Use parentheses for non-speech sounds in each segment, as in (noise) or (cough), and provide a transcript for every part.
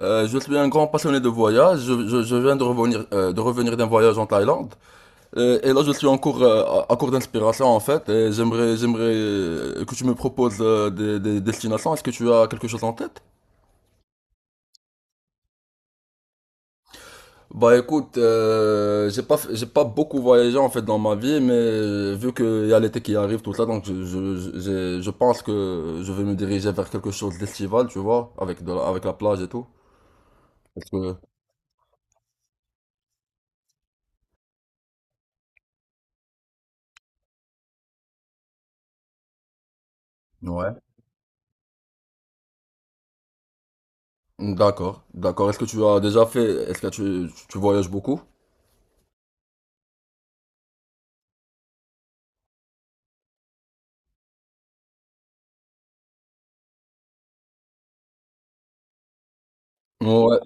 Je suis un grand passionné de voyage. Je viens de revenir d'un voyage en Thaïlande. Et là, je suis en cours, à court d'inspiration en fait. Et j'aimerais que tu me proposes des destinations. Est-ce que tu as quelque chose en tête? Bah écoute, j'ai pas beaucoup voyagé en fait dans ma vie, mais vu qu'il y a l'été qui arrive, tout ça, donc je pense que je vais me diriger vers quelque chose d'estival, tu vois, avec la plage et tout. Parce que... Ouais. D'accord, d'accord. Est-ce que tu voyages beaucoup? Ouais,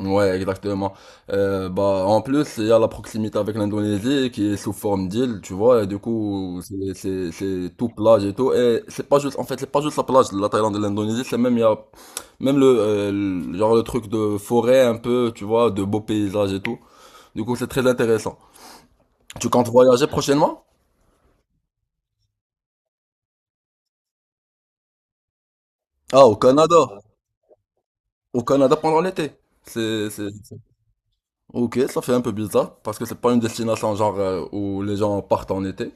ouais, exactement. Bah, en plus, il y a la proximité avec l'Indonésie qui est sous forme d'île, tu vois, et du coup, c'est tout plage et tout. Et c'est pas juste, en fait, c'est pas juste la plage de la Thaïlande et l'Indonésie, c'est même, il y a même genre le truc de forêt un peu, tu vois, de beaux paysages et tout. Du coup, c'est très intéressant. Tu comptes voyager prochainement? Ah, au Canada. Au Canada pendant l'été. C'est... Ok, ça fait un peu bizarre parce que c'est pas une destination genre où les gens partent en été.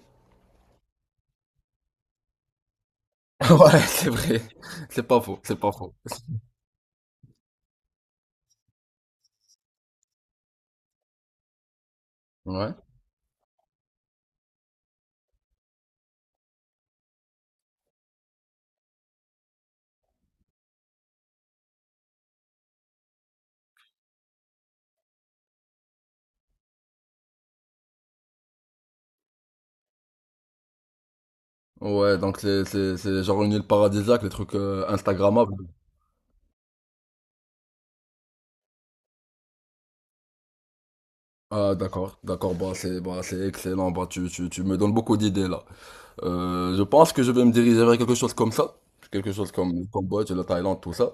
(laughs) Ouais, c'est vrai. C'est pas faux, c'est pas faux. Ouais. Ouais, donc c'est genre une île paradisiaque, les trucs Instagrammables. Ah d'accord, d'accord, bah c'est excellent, bah tu me donnes beaucoup d'idées là. Je pense que je vais me diriger vers quelque chose comme ça, quelque chose comme le Cambodge, la Thaïlande, tout ça.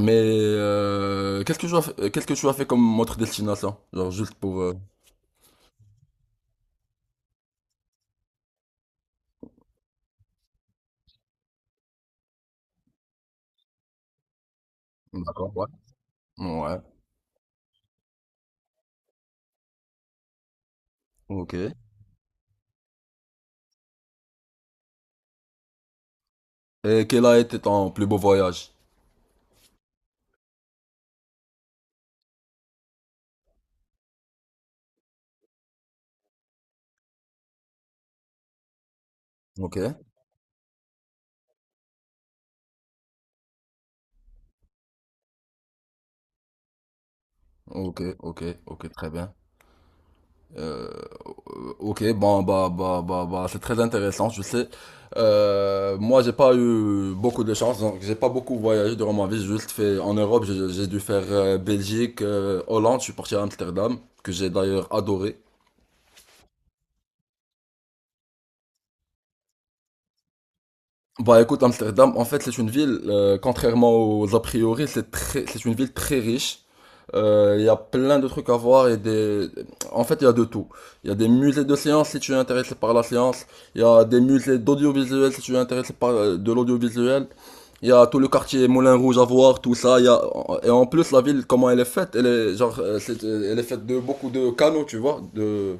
Mais qu'est-ce que tu as fait, qu'est-ce que tu as fait comme autre destination? Genre juste pour... D'accord, ouais. Ouais, ok. Et quel a été ton plus beau voyage? Ok, ok, ok, très bien. Ok, bon, bah, c'est très intéressant, je sais. Moi, j'ai pas eu beaucoup de chance, donc j'ai pas beaucoup voyagé durant ma vie. J'ai juste fait en Europe, j'ai dû faire Belgique, Hollande, je suis parti à Amsterdam, que j'ai d'ailleurs adoré. Bah écoute, Amsterdam, en fait, c'est une ville, contrairement aux a priori, c'est une ville très riche. Il y a plein de trucs à voir et des... En fait, il y a de tout. Il y a des musées de sciences si tu es intéressé par la science. Il y a des musées d'audiovisuel si tu es intéressé par de l'audiovisuel. Il y a tout le quartier Moulin Rouge à voir, tout ça. Il y a... Et en plus, la ville, comment elle est faite? Elle est, genre, elle est faite de beaucoup de canaux, tu vois.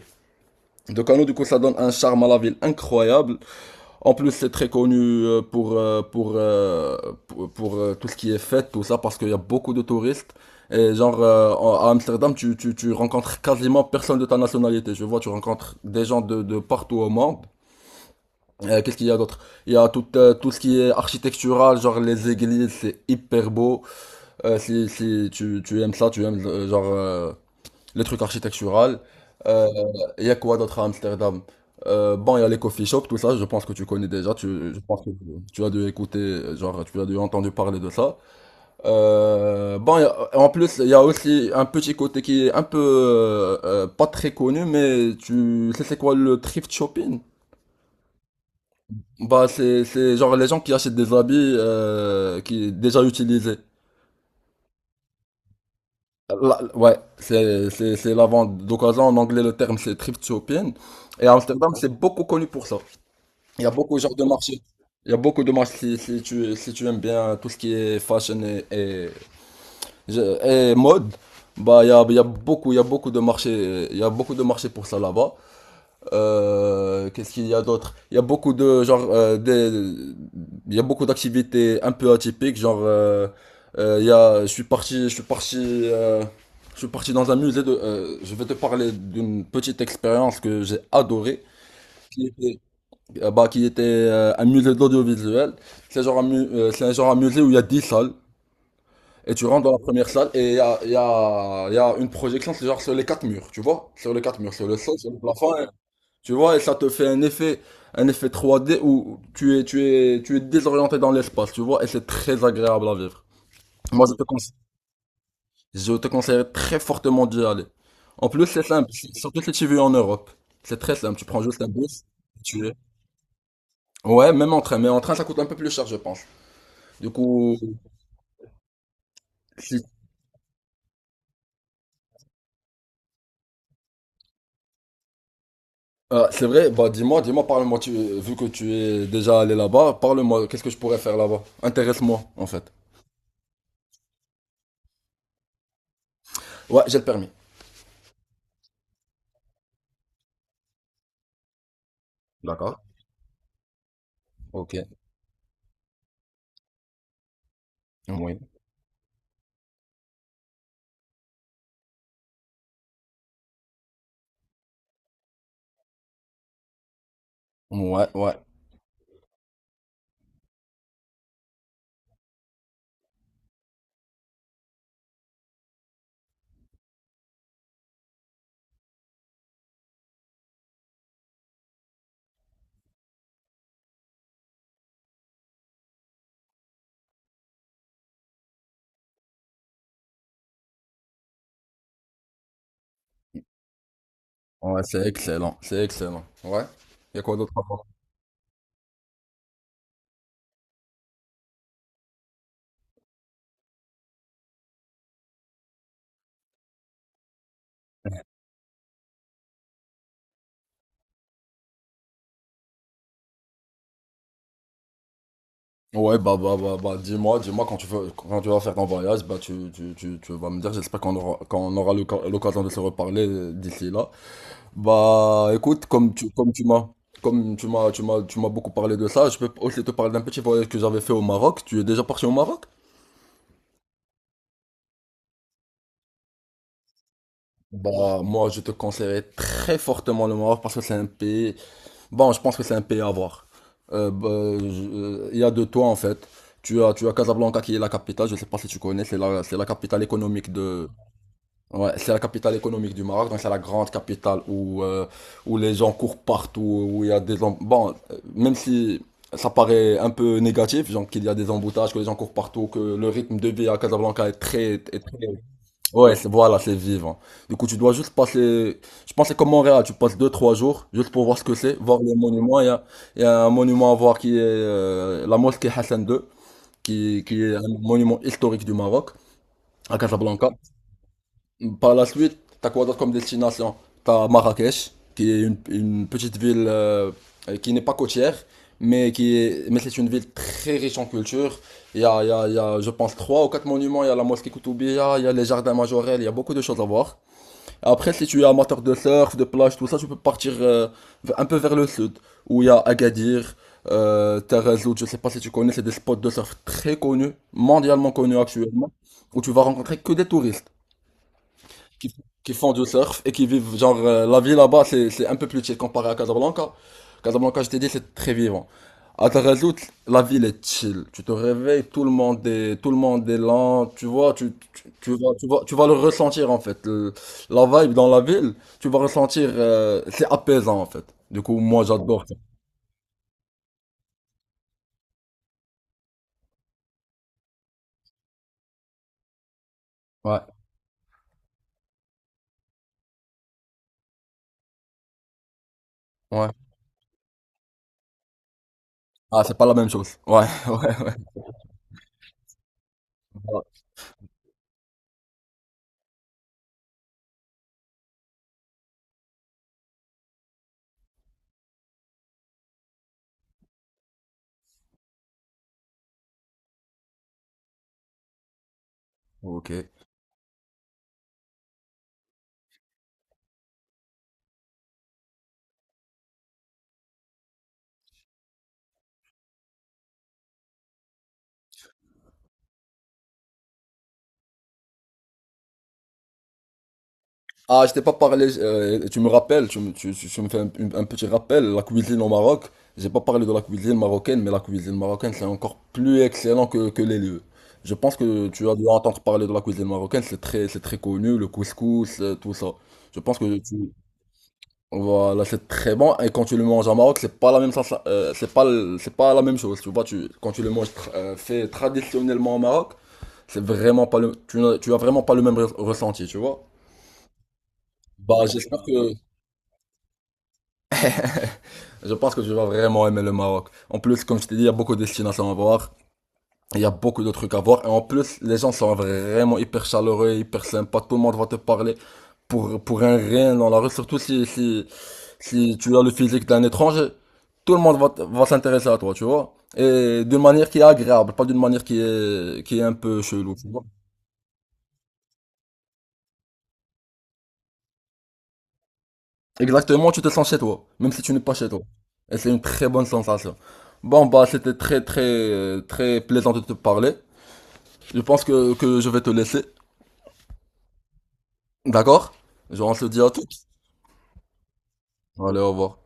De canaux, du coup, ça donne un charme à la ville incroyable. En plus, c'est très connu euh, pour, euh, pour, euh, tout ce qui est fête, tout ça, parce qu'il y a beaucoup de touristes. Et genre, à Amsterdam, tu rencontres quasiment personne de ta nationalité. Je vois, tu rencontres des gens de partout au monde. Qu'est-ce qu'il y a d'autre? Il y a tout, tout ce qui est architectural, genre les églises, c'est hyper beau. Si si tu, tu aimes ça, tu aimes les trucs architecturaux. Euh, Il y a quoi d'autre à Amsterdam? Bon, il y a les coffee shops, tout ça, je pense que tu connais déjà, je pense que tu as dû écouter, genre, tu as dû entendre parler de ça. En plus, il y a aussi un petit côté qui est un peu, pas très connu, mais tu sais c'est quoi le thrift shopping? Bah, c'est genre les gens qui achètent des habits, qui déjà utilisés. Ouais, c'est la vente d'occasion. En anglais, le terme c'est thrift shopping. Et Amsterdam, c'est beaucoup connu pour ça. Il y a beaucoup genre de marchés. Il y a beaucoup de marchés si tu aimes bien tout ce qui est fashion et mode. Bah, il y a beaucoup de marchés, il y a beaucoup de marchés pour ça là-bas. Qu'est-ce qu'il y a d'autre? Il y a beaucoup de genre il y a beaucoup d'activités un peu atypiques, genre il y a je suis parti je suis parti euh, je suis parti dans un musée de je vais te parler d'une petite expérience que j'ai adorée qui était qui était un musée de l'audiovisuel. C'est un genre un musée où il y a 10 salles et tu rentres dans la première salle et il y a une projection c'est genre sur les quatre murs, tu vois? Sur les quatre murs, sur le sol, sur le plafond. Tu vois, et ça te fait un effet 3D où tu es désorienté dans l'espace, tu vois, et c'est très agréable à vivre. Moi, je te conseille très fortement d'y aller. En plus, c'est simple, surtout si tu vis en Europe. C'est très simple, tu prends juste un bus, tu es. Ouais, même en train, mais en train, ça coûte un peu plus cher, je pense. Du coup, si- Ah, c'est vrai, bah dis-moi, parle-moi, vu que tu es déjà allé là-bas, parle-moi, qu'est-ce que je pourrais faire là-bas? Intéresse-moi, en fait. Ouais, j'ai le permis. D'accord. Ok. Oui. Ouais, ouais. Ouais, c'est excellent, c'est excellent. Ouais. Il y a quoi d'autre à voir? Ouais, bah, dis-moi, quand tu veux, quand tu vas faire ton voyage, bah, tu vas me dire, qu'on aura l'occasion de se reparler d'ici là. Bah, écoute, comme tu m'as, tu m'as, tu m'as beaucoup parlé de ça, je peux aussi te parler d'un petit voyage que j'avais fait au Maroc. Tu es déjà parti au Maroc? Bah, moi, je te conseillerais très fortement le Maroc parce que c'est un pays. Bon, je pense que c'est un pays à voir. Euh, bah, il y a de toi en fait. Tu as Casablanca qui est la capitale, je ne sais pas si tu connais, c'est la capitale économique de, ouais, c'est la capitale économique du Maroc, donc c'est la grande capitale où, où les gens courent partout, où il y a des, bon, même si ça paraît un peu négatif, genre qu'il y a des emboutages, que les gens courent partout, que le rythme de vie à Casablanca est très... Ouais, c'est voilà, c'est vivant. Du coup, tu dois juste passer. Je pense que c'est comme Montréal, tu passes 2 3 jours juste pour voir ce que c'est, voir les monuments. Il y a un monument à voir qui est la mosquée Hassan II, qui est un monument historique du Maroc, à Casablanca. Par la suite, t'as quoi d'autre comme destination? T'as Marrakech, qui est une petite ville qui n'est pas côtière, mais c'est une ville très riche en culture. Il y a, je pense, 3 ou 4 monuments. Il y a la mosquée Koutoubia, il y a les jardins majorels, il y a beaucoup de choses à voir. Après, si tu es amateur de surf, de plage, tout ça, tu peux partir un peu vers le sud, où il y a Agadir, Tarazout, je sais pas si tu connais, c'est des spots de surf très connus, mondialement connus actuellement, où tu vas rencontrer que des touristes qui, qui font du surf et qui vivent, genre, la vie là-bas, c'est un peu plus chill comparé à Casablanca. Casablanca, je t'ai dit, c'est très vivant. À Tarazout, la ville est chill. Tu te réveilles, tout le monde est lent, tu vois, tu vas le ressentir, en fait. La vibe dans la ville, tu vas ressentir, c'est apaisant, en fait. Du coup, moi, j'adore ça. Ouais. Ah, c'est pas la même chose. Ouais, (laughs) ouais, ouais. Ok. Ah, je t'ai pas parlé, tu me rappelles, tu me fais un petit rappel, la cuisine au Maroc, j'ai pas parlé de la cuisine marocaine, mais la cuisine marocaine c'est encore plus excellent que les lieux. Je pense que tu as dû entendre parler de la cuisine marocaine, c'est très connu, le couscous, tout ça. Je pense que tu, voilà, c'est très bon, et quand tu le manges au Maroc, c'est pas, c'est pas la même chose, tu vois, tu, quand tu le manges fait traditionnellement au Maroc, c'est vraiment pas le, tu as vraiment pas le même ressenti, tu vois. Bah, j'espère que... Je pense que tu vas vraiment aimer le Maroc. En plus, comme je t'ai dit, il y a beaucoup de destinations à voir. Il y a beaucoup de trucs à voir. Et en plus, les gens sont vraiment hyper chaleureux, hyper sympas. Tout le monde va te parler pour un rien dans la rue. Surtout si tu as le physique d'un étranger. Tout le monde va, va s'intéresser à toi, tu vois. Et d'une manière qui est agréable, pas d'une manière qui est un peu chelou, tu vois. Exactement, tu te sens chez toi, même si tu n'es pas chez toi. Et c'est une très bonne sensation. Bon, bah, très plaisant de te parler. Que je vais te laisser. D'accord? Genre, on se dit à toutes. Allez, au revoir.